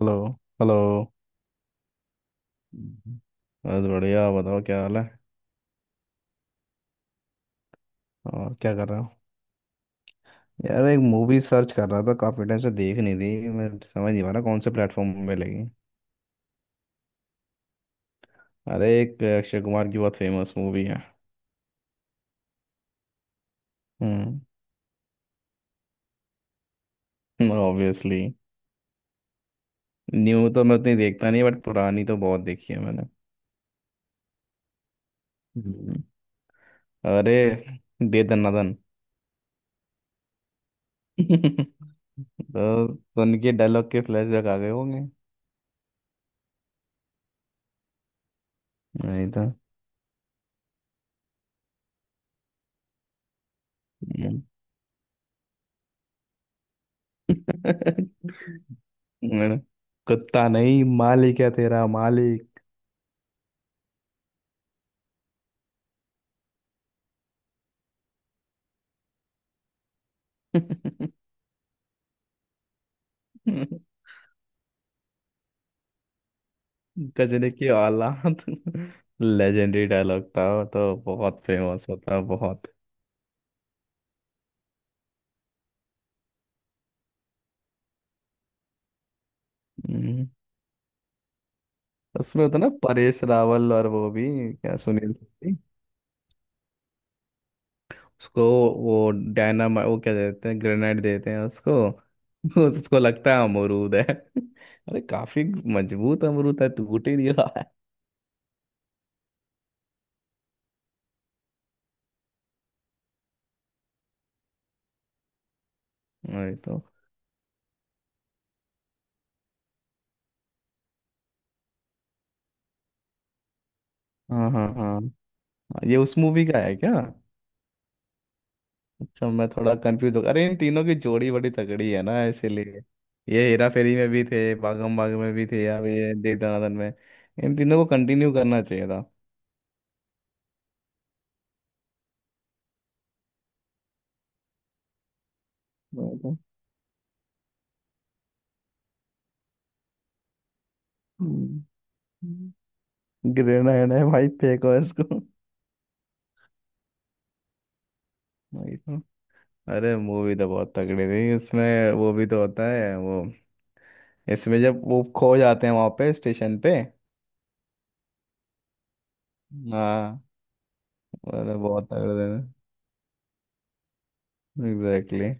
Hello. Hello. हम्म। बस बढ़िया। आप बताओ क्या हाल है? और क्या कर रहे हो? यार एक मूवी सर्च कर रहा था, काफ़ी टाइम से देख नहीं थी, मैं समझ नहीं पा रहा कौन से प्लेटफॉर्म पे लगी। अरे एक अक्षय कुमार की बहुत फेमस मूवी है। हम्म। ऑब्वियसली। न्यू तो मैं उतनी देखता नहीं बट पुरानी तो बहुत देखी है मैंने। हम्म, अरे दे दना दन। तो सुन के डायलॉग के फ्लैशबैक आ गए होंगे। नहीं। तो मैंने, कुत्ता नहीं, मालिक है तेरा मालिक। गजनी की औलाद। लेजेंडरी डायलॉग था वो, तो बहुत फेमस होता है बहुत। हम्म। उसमें होता ना परेश रावल और वो भी, क्या सुनील शेट्टी, उसको वो डायनामा, वो क्या देते हैं ग्रेनेड देते हैं उसको। उसको लगता है अमरूद है। अरे काफी मजबूत अमरूद है टूट ही नहीं रहा है। वही तो। हाँ, हाँ, हाँ। ये उस मूवी का है क्या? अच्छा मैं थोड़ा कंफ्यूज हो, अरे इन तीनों की जोड़ी बड़ी तगड़ी है ना, इसीलिए ये हेरा फेरी में भी थे, भागम भाग में भी थे, अब ये दे दनादन में। इन तीनों को कंटिन्यू करना चाहिए था। ग्रेनाइड है भाई फेंको इसको। भाई तो, अरे मूवी तो बहुत तगड़ी थी, उसमें वो भी तो होता है वो, इसमें जब वो खो जाते हैं वहां पे स्टेशन पे। हाँ। अरे बहुत तगड़े दिन। एग्जैक्टली।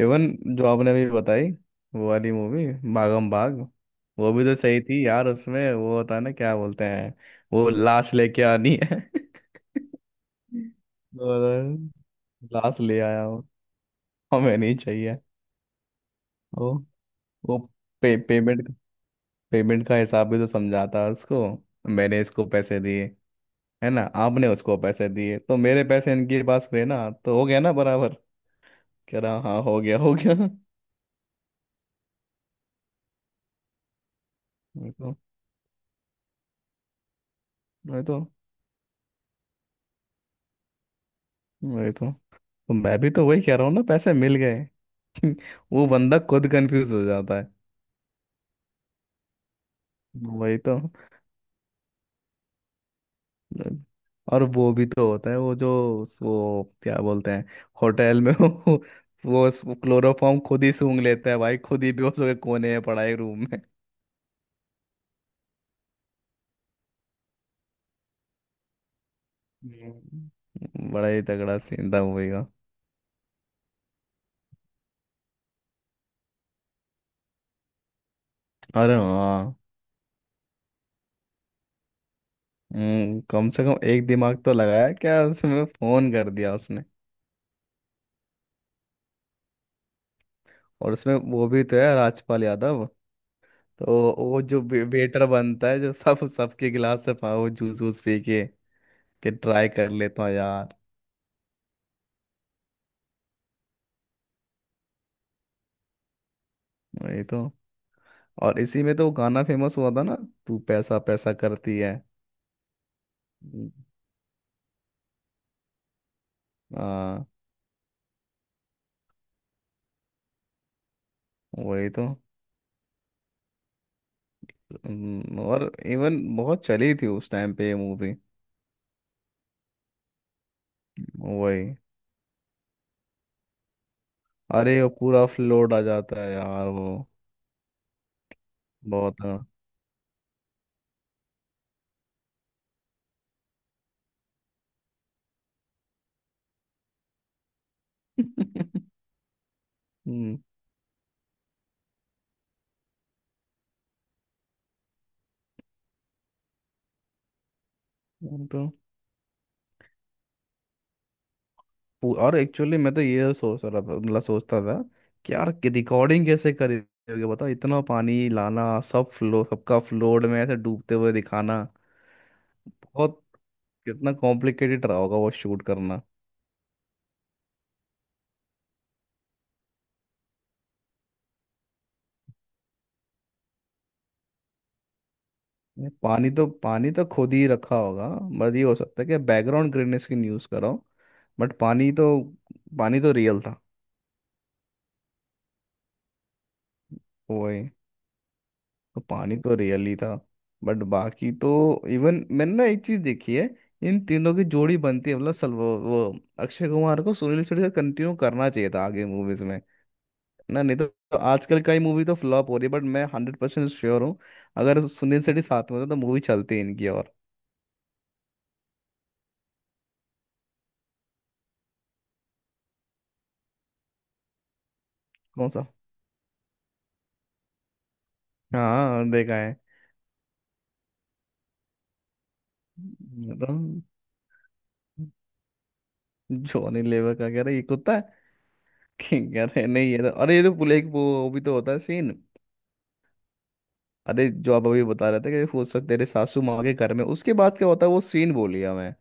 इवन जो आपने अभी बताई वो वाली मूवी, भागम भाग, वो भी तो सही थी यार। उसमें वो होता है ना क्या बोलते हैं, वो लाश लेके आनी है। तो लाश ले आया हूँ। हमें नहीं चाहिए। वो वो पे, पेमेंट। पेमेंट का हिसाब भी तो समझाता है उसको। मैंने इसको पैसे दिए, है ना? आपने उसको पैसे दिए तो मेरे पैसे इनके पास हुए ना, तो हो गया ना बराबर। कह रहा हाँ हो गया हो गया। वही तो वही तो वही तो मैं भी तो वही कह रहा हूँ ना, पैसे मिल गए। वो बंदा खुद कंफ्यूज हो जाता है। वही तो। और वो भी तो होता है वो जो, वो क्या बोलते हैं, होटल में, वो क्लोरोफॉर्म खुद ही सूंघ लेता है भाई, खुद ही बेहोश होकर कोने में पड़ा है रूम में। हम्म। बड़ा ही तगड़ा सीन था मूवी का। अरे हाँ। कम से कम एक दिमाग तो लगाया क्या, उसमें फोन कर दिया उसने। और उसमें वो भी तो है, राजपाल यादव, तो वो जो वेटर बनता है जो सब सबके गिलास से पा- वो जूस वूस पी के, कि ट्राई कर लेता हूँ यार। वही तो। और इसी में तो वो गाना फेमस हुआ था ना, तू पैसा पैसा करती है। हम्म। हाँ। वही तो। और इवन बहुत चली थी उस टाइम पे ये मूवी। वही। अरे वो पूरा फ्लोट आ जाता है यार वो, बहुत। हाँ। हम्म। वो तो पू- और एक्चुअली मैं तो ये सोच रहा था, मतलब सोचता था कि यार रिकॉर्डिंग कैसे करेंगे बताओ, इतना पानी लाना, सब फ्लो सबका फ्लोड में ऐसे डूबते हुए दिखाना। बहुत, कितना कॉम्प्लिकेटेड रहा होगा वो शूट करना। नहीं, पानी तो खुद ही रखा होगा। बस ये हो सकता है कि बैकग्राउंड ग्रीननेस की यूज़ करो बट पानी तो, पानी तो रियल था। वही तो, पानी तो रियल ही था बट बाकी तो, इवन मैंने ना एक चीज देखी है, इन तीनों की जोड़ी बनती है, मतलब सल वो अक्षय कुमार को सुनील शेट्टी से कंटिन्यू करना चाहिए था आगे मूवीज में। ना नहीं तो आजकल का ही मूवी तो फ्लॉप हो रही है बट मैं हंड्रेड परसेंट श्योर हूँ, अगर सुनील शेट्टी साथ में होता तो मूवी चलती इनकी और। कौन सा? हाँ देखा है। तो जॉनी लेवर का कह रहा है ये कुत्ता है। कह रहे नहीं, ये तो अरे ये तो पुलिस, वो भी तो होता है सीन। अरे जो आप अभी बता रहे थे कि हो सकता तेरे सासू माँ के घर में, उसके बाद क्या होता है वो सीन बोलिया मैं।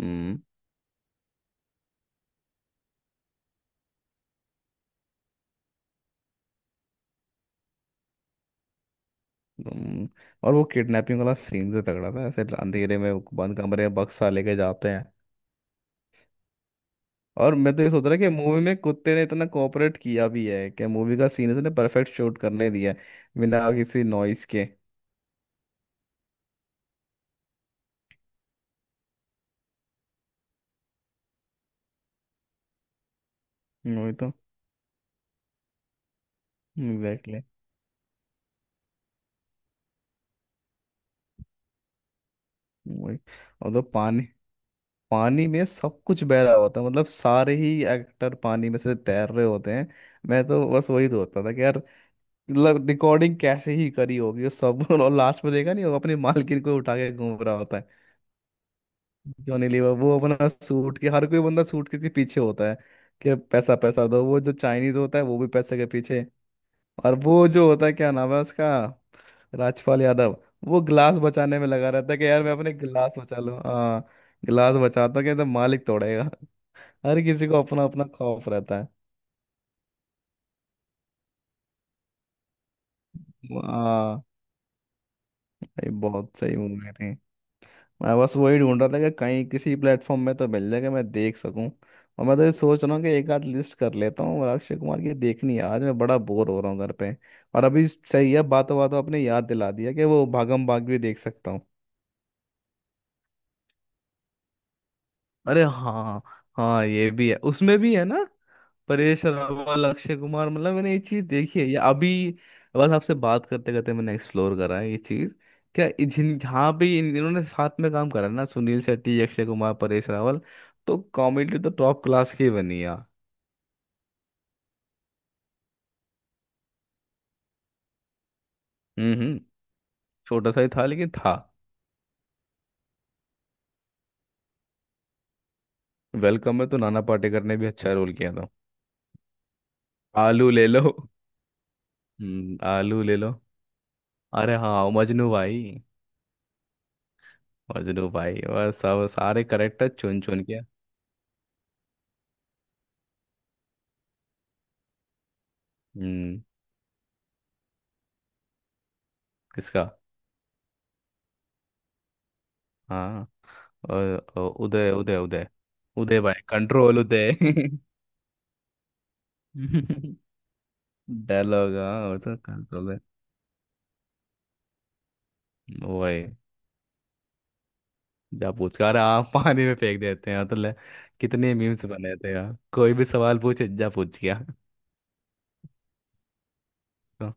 हम्म। हम्म, और वो किडनैपिंग वाला सीन भी तगड़ा था, ऐसे अंधेरे में वो बंद कमरे में बक्सा लेके जाते हैं। और मैं तो ये सोच रहा कि मूवी में कुत्ते ने इतना कोऑपरेट किया भी है कि मूवी का सीन इसने परफेक्ट शूट करने दिया है बिना किसी नॉइस के। वही तो। एग्जैक्टली। वही। और तो पानी, पानी में सब कुछ बह रहा होता है, मतलब सारे ही एक्टर पानी में से तैर रहे होते हैं। मैं तो बस वही सोचता था कि यार, मतलब रिकॉर्डिंग कैसे ही करी होगी वो सब। और लास्ट में देखा नहीं, वो अपने मालकिन को उठा के घूम रहा होता है जॉनी लीवर, वो अपना सूट के, हर कोई बंदा सूट के पीछे होता है कि पैसा पैसा दो, वो जो चाइनीज होता है वो भी पैसे के पीछे, और वो जो होता है क्या नाम है उसका, राजपाल यादव, वो ग्लास बचाने में लगा रहता है कि यार मैं अपने गिलास बचा लूं। हाँ, गिलास बचाता हूं कि तो मालिक तोड़ेगा। हर किसी को अपना अपना खौफ रहता है। हाँ। ये बहुत सही मूवी थी। मैं बस वही ढूंढ रहा था कि कहीं किसी प्लेटफॉर्म में तो मिल जाए कि मैं देख सकूं, और मैं तो ये सोच रहा हूँ कि एक आध लिस्ट कर लेता हूँ और अक्षय कुमार की देखनी है आज, मैं बड़ा बोर हो रहा हूँ घर पे। और अभी सही है, बातों बातों आपने याद दिला दिया कि वो भागम भाग भी देख सकता हूँ। अरे हाँ। हाँ ये भी है, उसमें भी है ना परेश रावल, अक्षय कुमार, मतलब मैंने ये चीज देखी है ये अभी, बस आपसे बात करते करते मैंने एक्सप्लोर करा है ये चीज, क्या जिन जहाँ पे इन्होंने साथ में काम करा ना सुनील शेट्टी अक्षय कुमार परेश रावल, तो कॉमेडी तो टॉप क्लास की बनी है। हम्म, हम्म। छोटा सा ही था लेकिन था। वेलकम में तो नाना पाटेकर ने भी अच्छा रोल किया था। आलू ले लो। हम्म, आलू ले लो। अरे हाँ मजनू भाई। मजनू भाई और सब सारे करेक्टर चुन चुन के। हम्म। किसका? हाँ, और उदय उदय उदय उदय भाई कंट्रोल उदय। डायलॉग हाँ, और तो कंट्रोल है वही। जब पूछा रहा आप पानी में फेंक देते हैं तो ले। कितने मीम्स बने थे यार, कोई भी सवाल पूछे जा पूछ गया। तो,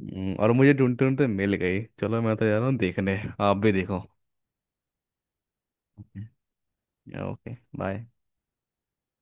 और मुझे ढूंढते ढूंढते मिल गई, चलो मैं तो जा रहा हूँ देखने, आप भी देखो। Okay, bye.